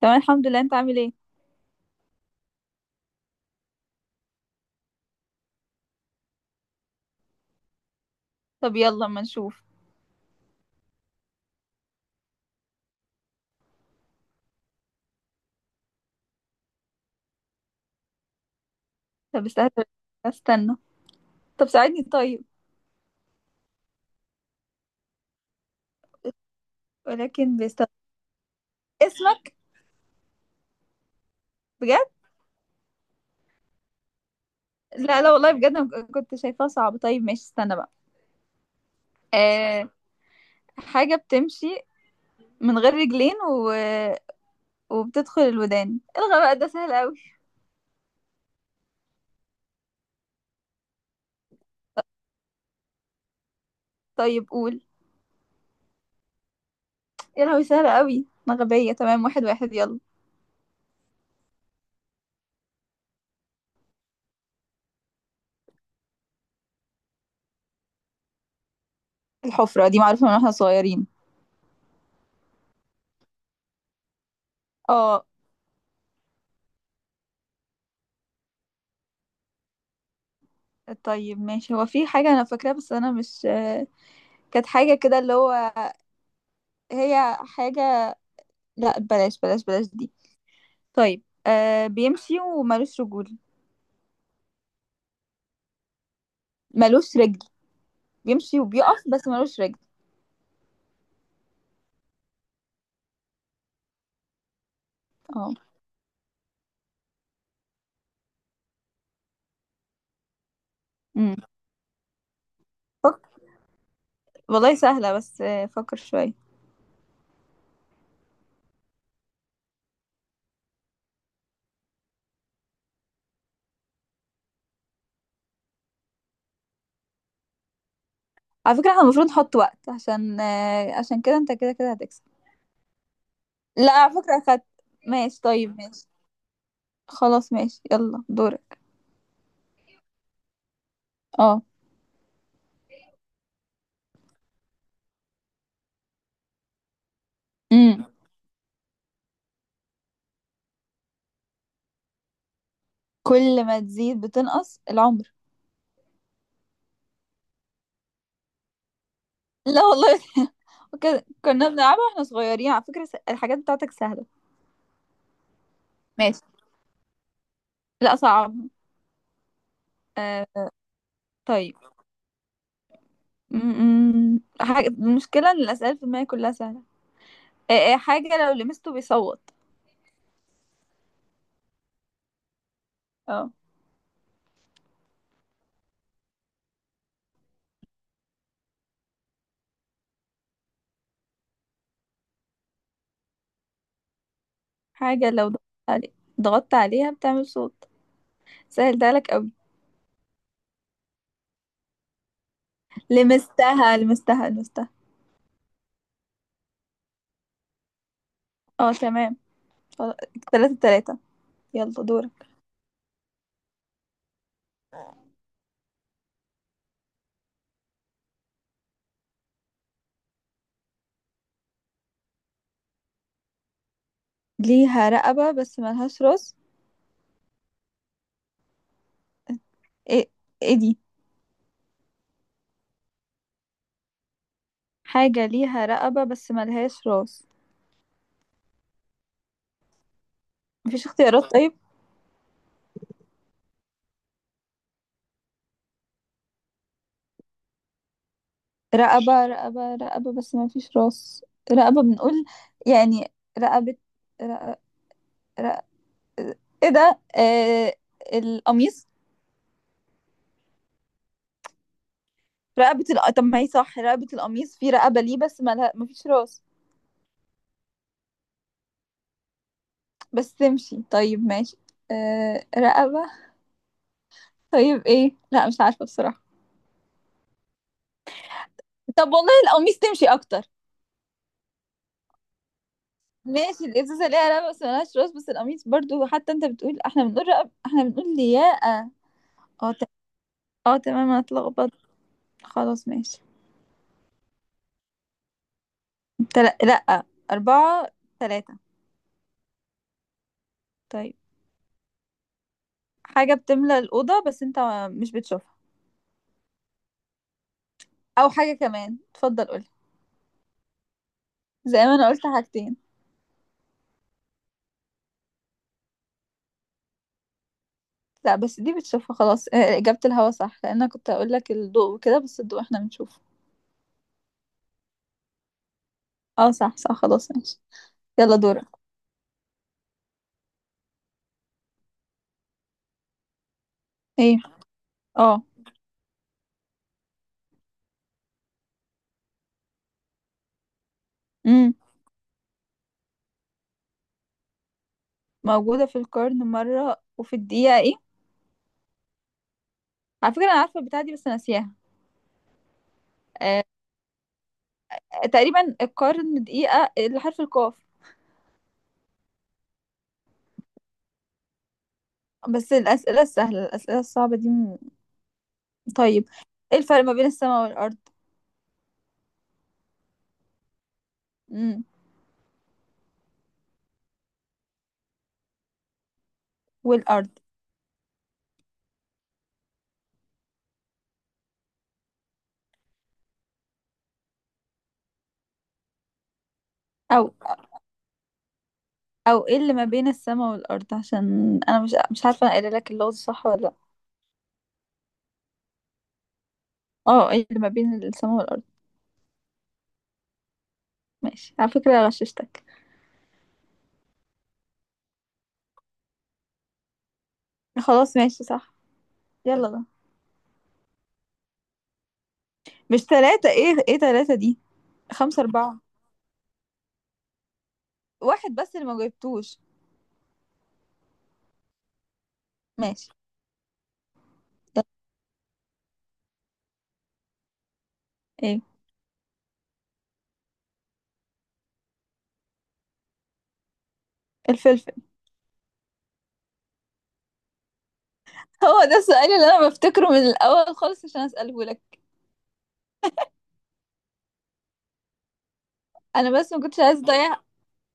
تمام، الحمد لله، انت عامل ايه؟ طب، يلا اما نشوف. طب استنى، استنى. طب ساعدني طيب. ولكن بيستنى. اسمك. بجد؟ لا لا، والله بجد انا كنت شايفاها صعبة. طيب ماشي، استنى بقى. آه حاجة بتمشي من غير رجلين و... وبتدخل الودان، الغى بقى، ده سهل قوي. طيب، قول. يا لهوي، سهل قوي، انا غبية. تمام، واحد واحد، يلا. الحفرة دي معروفة من واحنا صغيرين. اه. طيب ماشي، هو في حاجة انا فاكراها بس انا مش كانت حاجة كده اللي هو، هي حاجة، لا بلاش بلاش بلاش دي. طيب، بيمشي ومالوش رجول. مالوش رجل. بيمشي وبيقف بس مالوش رجل. اه. امم فك... والله سهلة، بس فكر شوية. على فكرة احنا المفروض نحط وقت، عشان كده انت كده كده هتكسب. لا على فكرة اخدت. ماشي، طيب ماشي. خلاص ماشي، يلا دورك. اه. امم كل ما تزيد بتنقص العمر. لا والله. وكده كنا بنلعبها واحنا صغيرين. على فكرة الحاجات بتاعتك سهلة. ماشي. لا صعب. آه. طيب. م- حاجة، المشكلة ان الأسئلة في دماغي كلها سهلة. إيه حاجة لو لمسته بيصوت. اه. حاجة لو ضغطت عليها بتعمل صوت. سهلتها لك قوي. لمستها، لمستها، لمستها. اه تمام. خلاص. تلاتة تلاتة، يلا دورك. ليها رقبة بس ملهاش راس. ايه ايه دي؟ حاجة ليها رقبة بس ملهاش راس. مفيش اختيارات طيب؟ رقبة، رقبة، رقبة بس مفيش راس. رقبة، بنقول يعني. رقبة، رقبة، ايه ده، القميص. رقبة طب ما هي صح، رقبة القميص، في رقبة ليه بس ما فيش راس. بس تمشي. طيب ماشي. آه، رقبة. طيب ايه؟ لا مش عارفة بصراحة. طب والله القميص تمشي اكتر. ماشي، الازازة ليها رقبة بس ملهاش راس، بس القميص برضو، حتى انت بتقول، احنا بنقول رقبة، احنا بنقول لياقة. اه اه تمام، انا اتلخبطت. خلاص ماشي. لا، أربعة، تلاتة. طيب. حاجة بتملى الأوضة بس انت مش بتشوفها. أو حاجة كمان، اتفضل قولي، زي ما انا قلت حاجتين. لا بس دي بتشوفها، خلاص. اجابة الهوا صح، لان انا كنت اقول لك الضوء وكده، بس الضوء احنا بنشوفه. اه صح صح، خلاص ماشي. يلا دورك. ايه؟ اه. امم موجودة في القرن مرة وفي الدقيقة ايه؟ على فكرة انا عارفة البتاعة دي بس ناسياها. آه، تقريبا، القرن دقيقة، اللي حرف القاف. بس الأسئلة السهلة، الأسئلة الصعبة دي طيب. ايه الفرق ما بين السماء والأرض؟ امم والأرض. او. او، ايه اللي ما بين السماء والأرض، عشان انا مش عارفة انا قايله لك اللغز صح ولا لأ. اه، ايه اللي ما بين السماء والارض؟ ماشي، على فكرة غششتك. خلاص ماشي صح. يلا، ده. مش ثلاثة، ايه ثلاثة دي؟ خمسة اربعة، واحد بس اللي ما جبتوش. ماشي، يلا. ايه؟ الفلفل. هو ده السؤال اللي انا بفتكره من الاول خالص عشان اساله لك. انا بس ما كنتش عايز اضيع.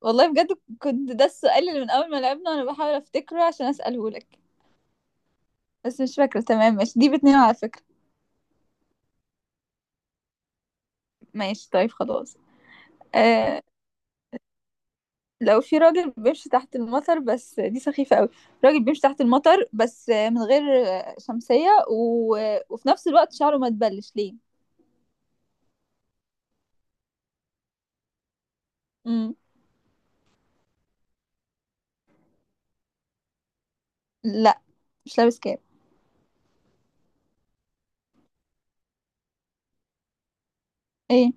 والله بجد، كنت ده السؤال اللي من اول ما لعبنا وانا بحاول افتكره عشان اساله لك. بس مش فاكرة تمام. ماشي، دي باتنين على فكرة. ماشي، طيب خلاص. آه لو في راجل بيمشي تحت المطر، بس دي سخيفة قوي. راجل بيمشي تحت المطر بس من غير شمسية و... وفي نفس الوقت شعره ما تبلش ليه؟ مم. لا مش لابس كاب. ايه؟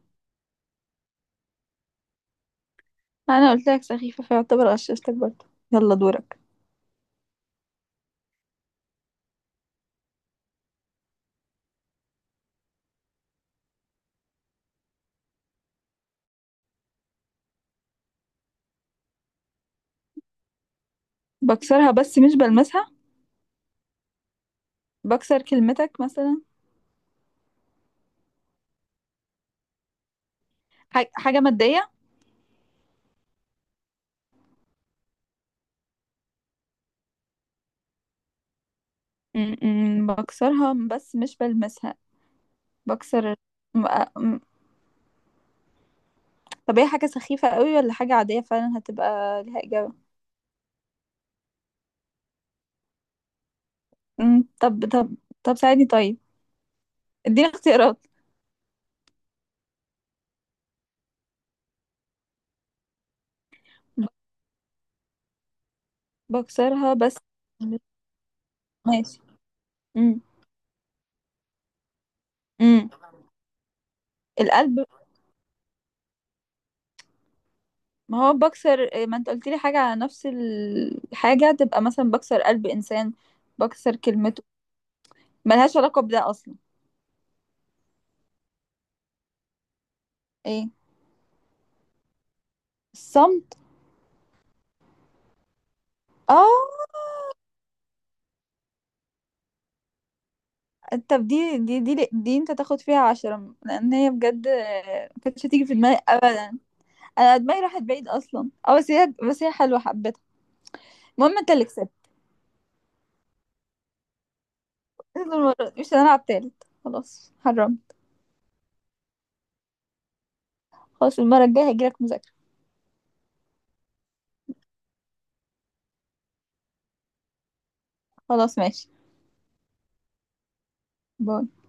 انا قلت لك سخيفة، فيعتبر غششتك برضه. يلا دورك. بكسرها بس مش بلمسها. بكسر كلمتك مثلا. حاجة مادية. بكسرها بس مش بلمسها. بكسر م- م- طب هي حاجة سخيفة قوي ولا حاجة عادية فعلا هتبقى ليها إجابة؟ طب. طب ساعدني طيب، اديني اختيارات. بكسرها بس. ماشي. امم امم القلب. ما هو بكسر، ما انت قلت لي حاجة على نفس الحاجة، تبقى مثلا بكسر قلب انسان، بكسر كلمته. ملهاش علاقة بده اصلا. ايه؟ الصمت. اه. طب دي انت تاخد فيها عشرة، لان هي بجد ما كانتش هتيجي في دماغي ابدا. انا دماغي راحت بعيد اصلا. اه، بس هي حلوة، حبيتها. المهم انت اللي كسبت. المرة دي مش هنلعب تالت، خلاص حرام. خلاص، المرة الجاية هجيلك مذاكرة. خلاص ماشي، باي.